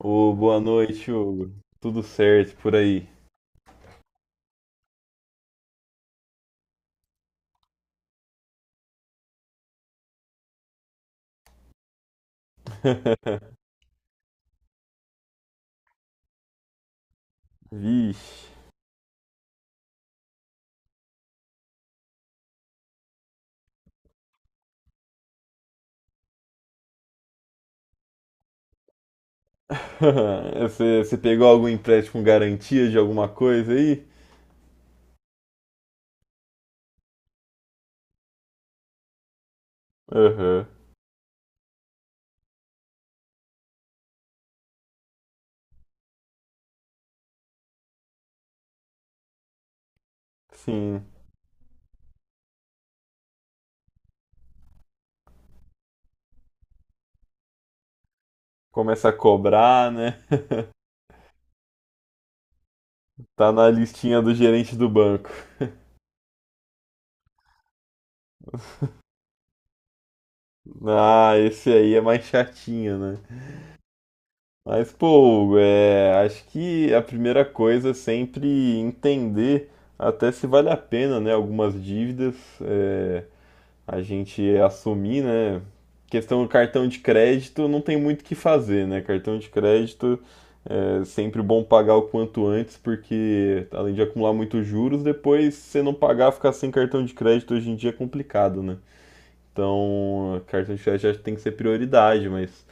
Ô, boa noite, Hugo. Tudo certo por aí? Vixe. Você pegou algum empréstimo com garantia de alguma coisa aí? Aham. Sim. Começa a cobrar, né? Tá na listinha do gerente do banco. Ah, esse aí é mais chatinho, né? Mas, pô, Hugo, acho que a primeira coisa é sempre entender até se vale a pena, né? Algumas dívidas. é, a gente assumir, né? Questão do cartão de crédito, não tem muito o que fazer, né? Cartão de crédito é sempre bom pagar o quanto antes, porque além de acumular muitos juros, depois se você não pagar, ficar sem cartão de crédito hoje em dia é complicado, né? Então, cartão de crédito já tem que ser prioridade, mas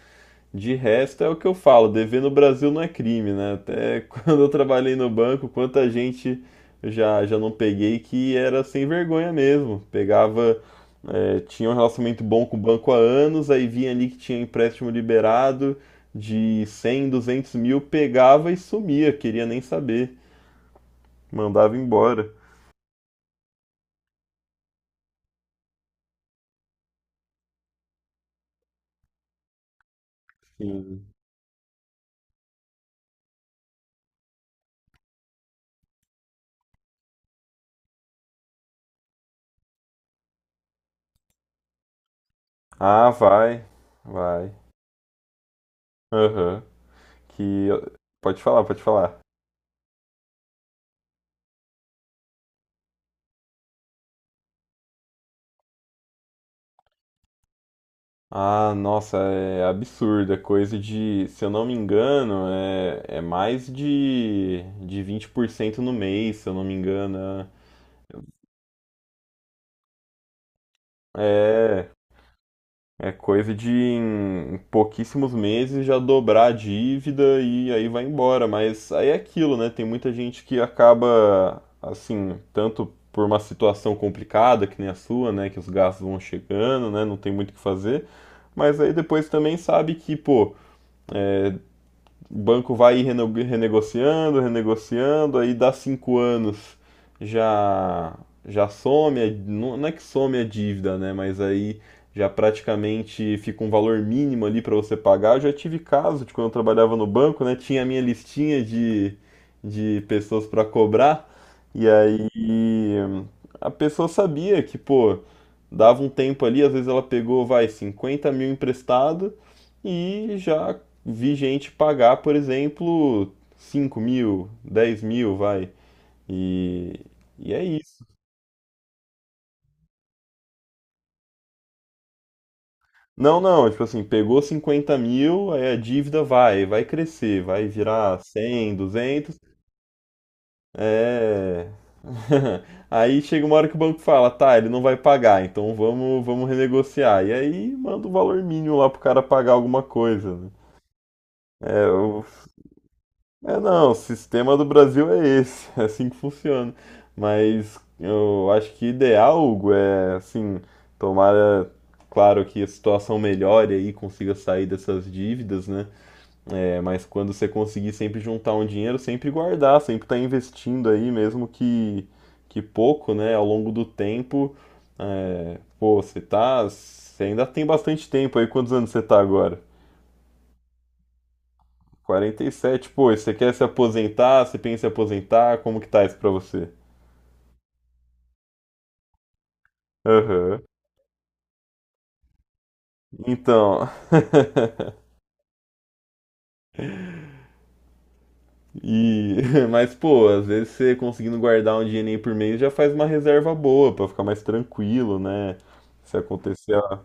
de resto, é o que eu falo, dever no Brasil não é crime, né? Até quando eu trabalhei no banco, quanta gente eu já não peguei que era sem vergonha mesmo. Pegava, tinha um relacionamento bom com o banco há anos, aí vinha ali que tinha empréstimo liberado de 100, 200 mil, pegava e sumia, queria nem saber, mandava embora. Sim. Ah, vai. Aham. Que. Pode falar, pode falar. Ah, nossa, é absurdo. É coisa de, se eu não me engano, é mais de 20% no mês, se eu não me engano. É é coisa de em pouquíssimos meses já dobrar a dívida e aí vai embora. Mas aí é aquilo, né? Tem muita gente que acaba, assim, tanto por uma situação complicada, que nem a sua, né? Que os gastos vão chegando, né? Não tem muito o que fazer. Mas aí depois também sabe que, pô. O banco vai renegociando, renegociando, aí dá 5 anos já já some, não é que some a dívida, né? Mas aí já praticamente fica um valor mínimo ali para você pagar. Eu já tive caso de quando eu trabalhava no banco, né? Tinha a minha listinha de pessoas para cobrar, e aí a pessoa sabia que, pô, dava um tempo ali, às vezes ela pegou, vai, 50 mil emprestado e já vi gente pagar, por exemplo, 5 mil, 10 mil, vai. E, é isso. Não, não, tipo assim, pegou 50 mil, aí a dívida vai crescer, vai virar 100, 200. É. Aí chega uma hora que o banco fala, tá, ele não vai pagar, então vamos renegociar. E aí manda o valor mínimo lá pro cara pagar alguma coisa. Né? É, o- É, não, o sistema do Brasil é esse, é assim que funciona. Mas eu acho que ideal, Hugo, é assim, tomara, claro que a situação melhore aí, consiga sair dessas dívidas, né? É, mas quando você conseguir sempre juntar um dinheiro, sempre guardar, sempre estar investindo aí, mesmo que pouco, né? Ao longo do tempo, pô, você tá, você ainda tem bastante tempo aí, quantos anos você tá agora? 47, pô, você quer se aposentar? Você pensa em se aposentar? Como que tá isso pra você? Aham. Então. E, mas pô, às vezes você conseguindo guardar um dinheirinho por mês já faz uma reserva boa pra ficar mais tranquilo, né? Se acontecer, ó,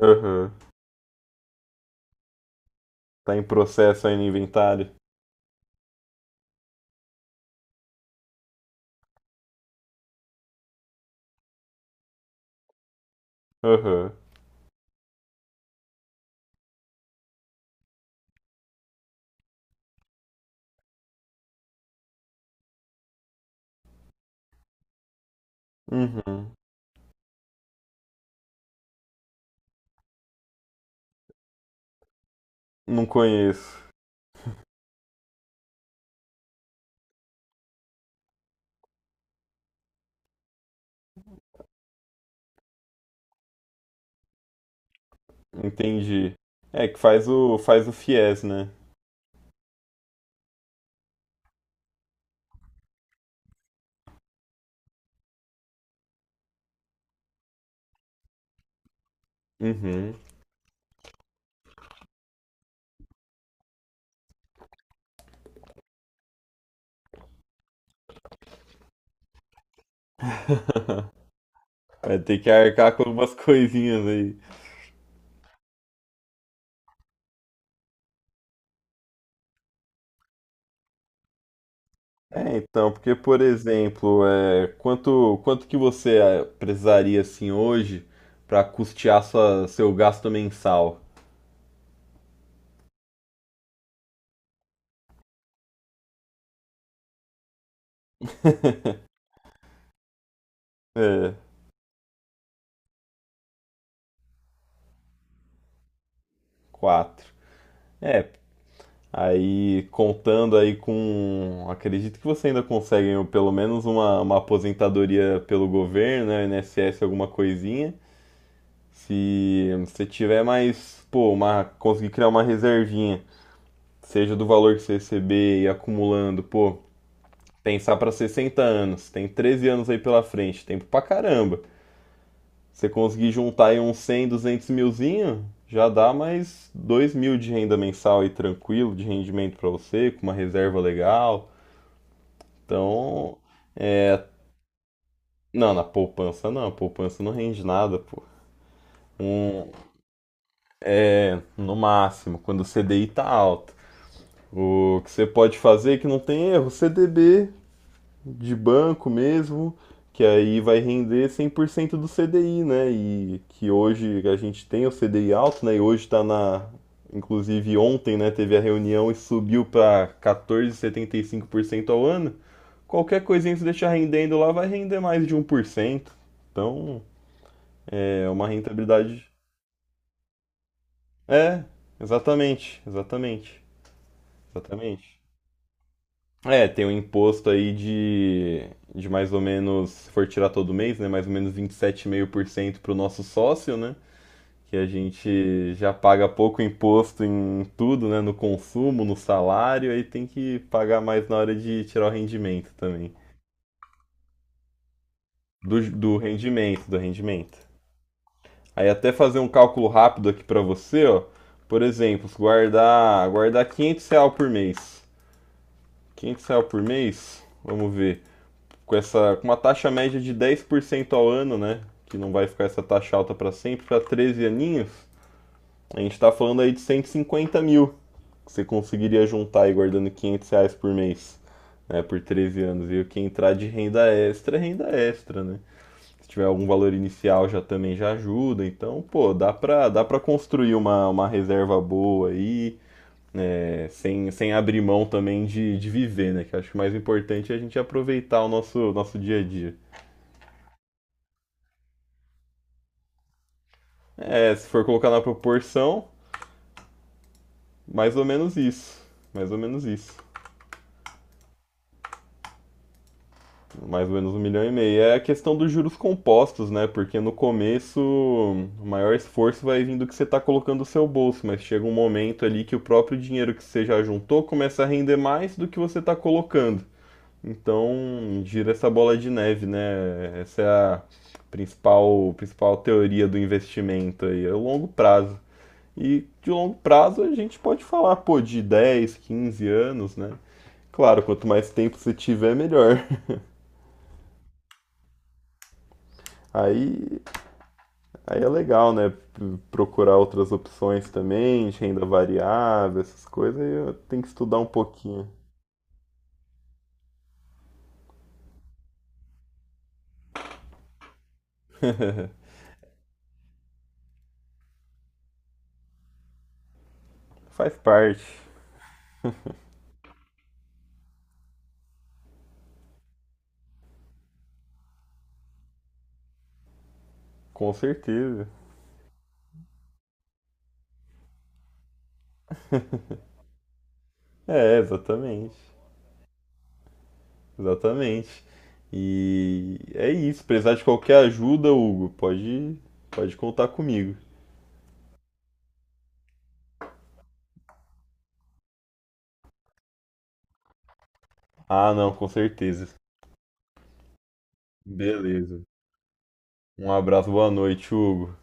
aham, Tá em processo aí no inventário? Aham. Uhum. Não conheço. Entendi. É que faz o FIES, né? Uhum. Vai ter que arcar com algumas coisinhas aí. É, então, porque, por exemplo, quanto, quanto que você precisaria, assim, hoje para custear sua, seu gasto mensal? É, quatro. É, aí contando aí com. Acredito que você ainda consegue, né, pelo menos uma aposentadoria pelo governo, né, INSS, alguma coisinha. Se você tiver mais, pô, uma, conseguir criar uma reservinha, seja do valor que você receber e acumulando, pô. Pensar para 60 anos, tem 13 anos aí pela frente, tempo pra caramba. Você conseguir juntar aí uns 100, 200 milzinho, já dá mais 2 mil de renda mensal aí tranquilo, de rendimento para você, com uma reserva legal. Então, é. Não, na poupança não, a poupança não rende nada, pô. Um, é, no máximo, quando o CDI tá alto. O que você pode fazer, que não tem erro, CDB de banco mesmo, que aí vai render 100% do CDI, né? E que hoje a gente tem o CDI alto, né? E hoje está na. Inclusive ontem, né? Teve a reunião e subiu para 14,75% ao ano. Qualquer coisinha que você deixar rendendo lá vai render mais de 1%. Então é uma rentabilidade. É, exatamente, exatamente, exatamente. É, tem um imposto aí de mais ou menos, se for tirar todo mês, né? Mais ou menos 27,5% para o nosso sócio, né? Que a gente já paga pouco imposto em tudo, né? No consumo, no salário, aí tem que pagar mais na hora de tirar o rendimento também. Do rendimento, do rendimento. Aí até fazer um cálculo rápido aqui para você, ó. Por exemplo, se guardar, guardar 500 reais por mês. 500 reais por mês, vamos ver. Com uma taxa média de 10% ao ano, né? Que não vai ficar essa taxa alta para sempre, para 13 aninhos, a gente está falando aí de 150 mil que você conseguiria juntar aí guardando 500 reais por mês, né? Por 13 anos. E o que entrar de renda extra é renda extra, né? Se tiver algum valor inicial já também já ajuda. Então, pô, dá para construir uma reserva boa aí. Né, sem, sem abrir mão também de viver, né? Que eu acho que o mais importante é a gente aproveitar o nosso, nosso dia a dia. É, se for colocar na proporção, mais ou menos isso. Mais ou menos isso. Mais ou menos um milhão e meio. É a questão dos juros compostos, né? Porque no começo o maior esforço vai vindo do que você está colocando no seu bolso, mas chega um momento ali que o próprio dinheiro que você já juntou começa a render mais do que você está colocando. Então gira essa bola de neve, né? Essa é a principal teoria do investimento aí, é o longo prazo. E de longo prazo a gente pode falar, pô, de 10, 15 anos, né? Claro, quanto mais tempo você tiver, melhor. Aí, aí é legal, né? Procurar outras opções também, de renda variável, essas coisas, aí eu tenho que estudar um pouquinho. Faz parte, com certeza. É, exatamente. Exatamente. E é isso. Precisar de qualquer ajuda, Hugo, pode, pode contar comigo. Ah, não, com certeza. Beleza. Um abraço, boa noite, Hugo.